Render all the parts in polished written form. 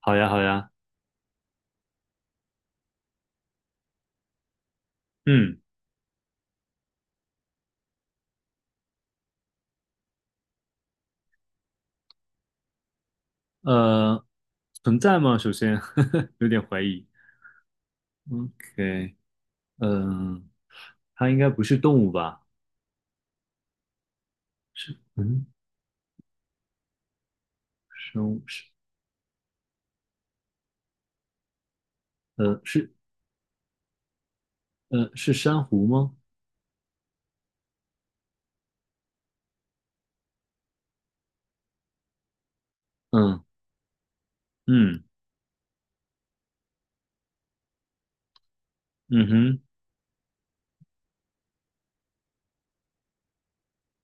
好呀，好呀，嗯，呃，存在吗？首先 有点怀疑。OK，嗯，它应该不是动物吧？嗯，生物呃，是，是珊瑚吗？嗯嗯嗯哼，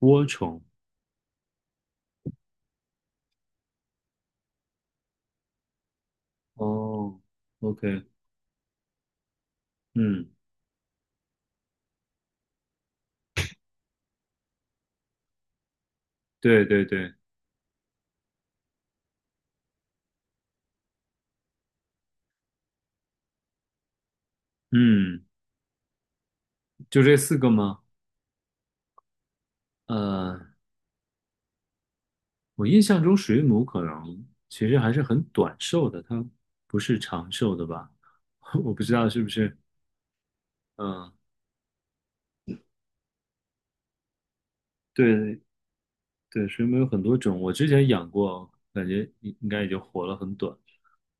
涡虫。哦，OK，嗯，对对对，嗯，就这四个吗？呃，我印象中水母可能其实还是很短寿的，它不是长寿的吧？我不知道是不是，嗯、对对，水母有很多种，我之前养过，感觉应该也就活了很短。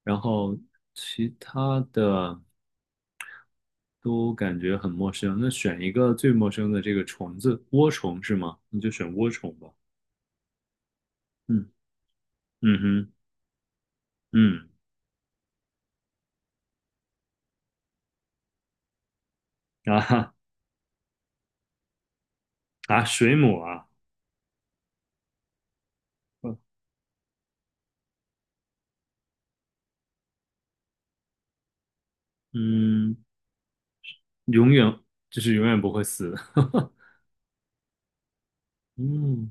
然后其他的都感觉很陌生。那选一个最陌生的这个虫子，涡虫是吗？你就选涡虫吧。嗯嗯哼嗯啊哈啊，水母啊，哦嗯，永远就是永远不会死。嗯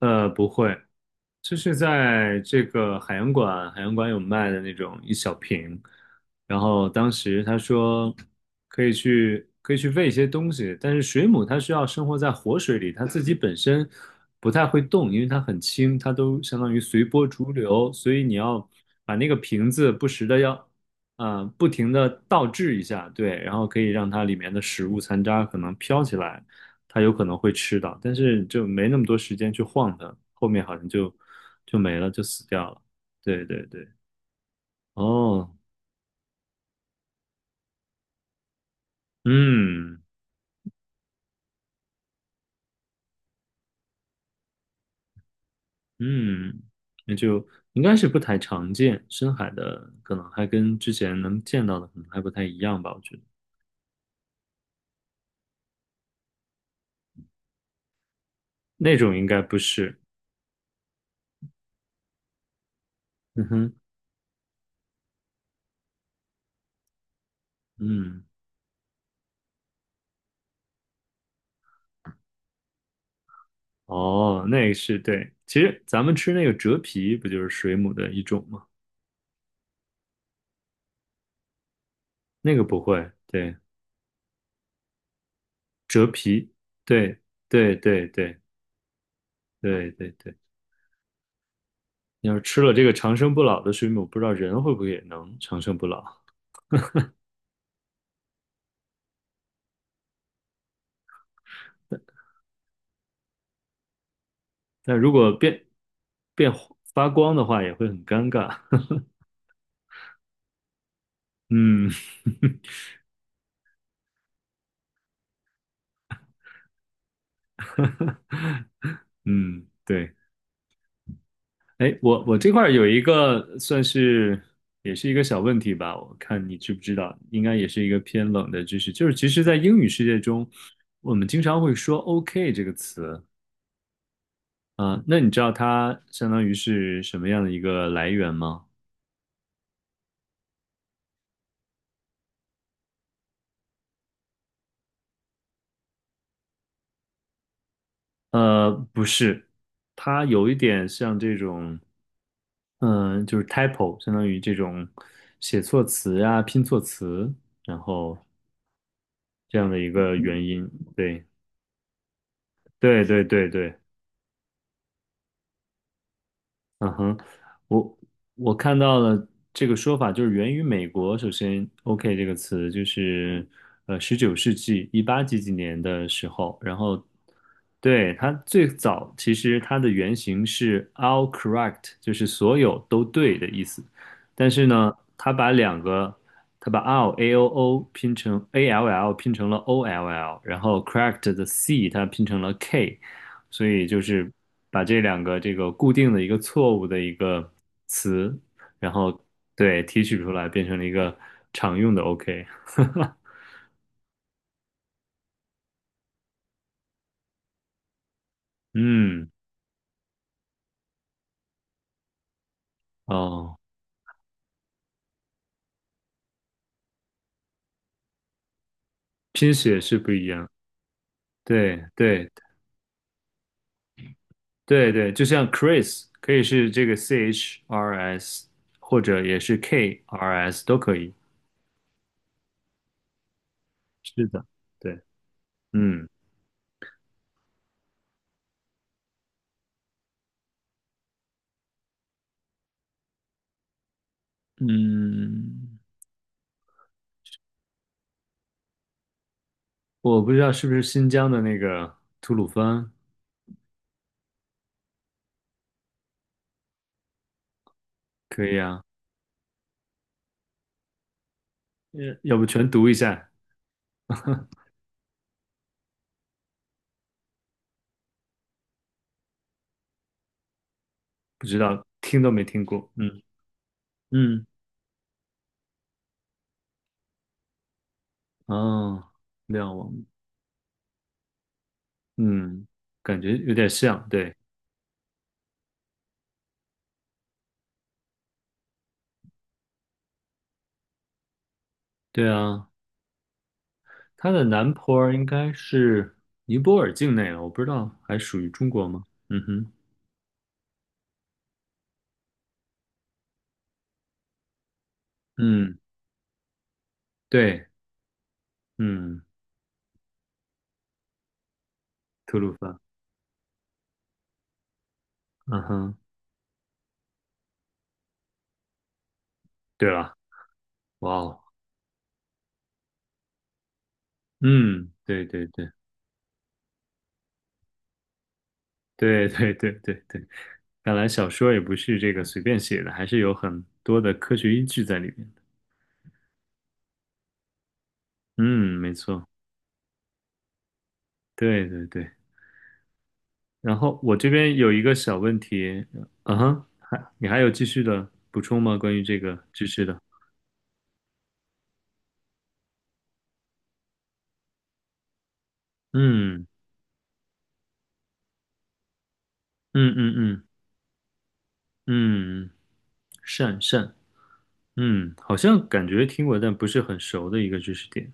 呃，不会，就是在这个海洋馆，海洋馆有卖的那种一小瓶，然后当时他说可以去喂一些东西，但是水母它需要生活在活水里，它自己本身不太会动，因为它很轻，它都相当于随波逐流，所以你要把那个瓶子不时的要，啊不停的倒置一下，对，然后可以让它里面的食物残渣可能飘起来，它有可能会吃到，但是就没那么多时间去晃它，后面好像就没了，就死掉了。对对对，哦，嗯嗯，那就应该是不太常见，深海的可能还跟之前能见到的可能还不太一样吧，我觉得那种应该不是。嗯哼，嗯，哦，那个是对，其实咱们吃那个折皮不就是水母的一种吗？那个不会，对，折皮，对对对对对对对。你要是吃了这个长生不老的水母，不知道人会不会也能长生不老。但如果变发光的话，也会很尴尬。嗯 嗯，对。哎，我这块儿有一个算是也是一个小问题吧，我看你知不知道，应该也是一个偏冷的知识，就是其实，在英语世界中，我们经常会说 “OK” 这个词啊，那你知道它相当于是什么样的一个来源吗？不是，它有一点像这种，嗯、就是 typo，相当于这种写错词呀、拼错词，然后这样的一个原因。对，对，对，对，对。嗯哼，我我看到了这个说法，就是源于美国。首先，“OK” 这个词就是19世纪18几几年的时候，然后对它最早其实它的原型是 “all correct”，就是所有都对的意思。但是呢，它把 “all” AOO 拼成 ALL，拼成了 OLL，然后 “correct” 的 C 它拼成了 K，所以就是把这两个这个固定的一个错误的一个词，然后对提取出来，变成了一个常用的 OK。嗯，哦，拼写是不一样。对对对对，就像 Chris 可以是这个 CHRS，或者也是 KRS 都可以。是的，对，嗯嗯，我不知道是不是新疆的那个吐鲁番，可以啊，要不全读一下。不知道，听都没听过。嗯嗯，哦，亮王，嗯，感觉有点像。对对啊，它的南坡儿应该是尼泊尔境内了，我不知道还属于中国吗？嗯哼，嗯，对，嗯，吐鲁番，嗯哼，对了，哇哦，嗯，对对对 对对对对对，看来小说也不是这个随便写的，还是有很多的科学依据在里面的。嗯，没错，对对对。然后我这边有一个小问题，嗯哼，你还有继续的补充吗？关于这个知识的，嗯嗯嗯嗯嗯，善善，嗯，好像感觉听过，但不是很熟的一个知识点。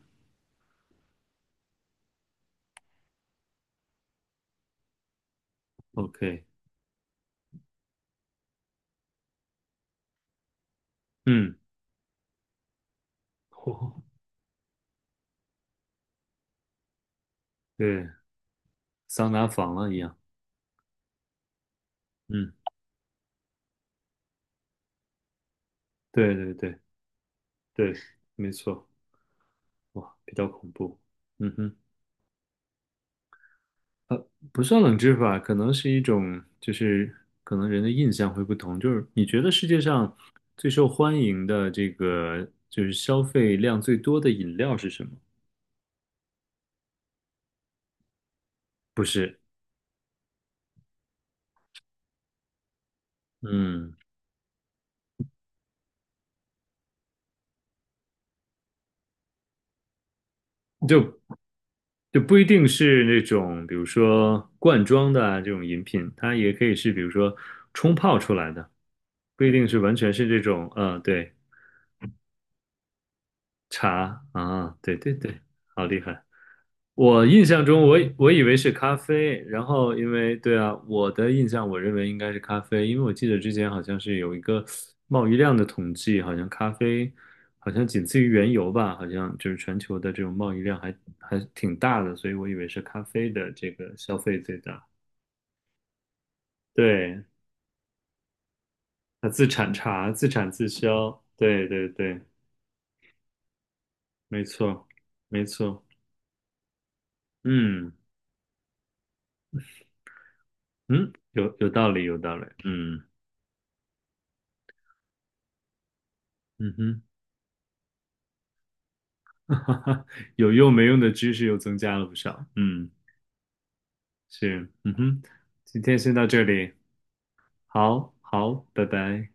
OK，嗯，哦，对，桑拿房了一样，嗯，对对对对，没错，哇，比较恐怖，嗯哼。不算冷知识吧，可能是一种，就是可能人的印象会不同。就是你觉得世界上最受欢迎的这个，就是消费量最多的饮料是什么？不是，嗯，就就不一定是那种，比如说罐装的啊这种饮品，它也可以是，比如说冲泡出来的，不一定是完全是这种，对，茶啊，对对对，好厉害。我印象中我以为是咖啡，然后因为对啊，我的印象我认为应该是咖啡，因为我记得之前好像是有一个贸易量的统计，好像咖啡好像仅次于原油吧，好像就是全球的这种贸易量还挺大的，所以我以为是咖啡的这个消费最大。对，它自产茶，自产自销，对对对，没错没错，嗯嗯，有道理有道理，嗯嗯哼。有用没用的知识又增加了不少。嗯，是，嗯哼，今天先到这里，好好，拜拜。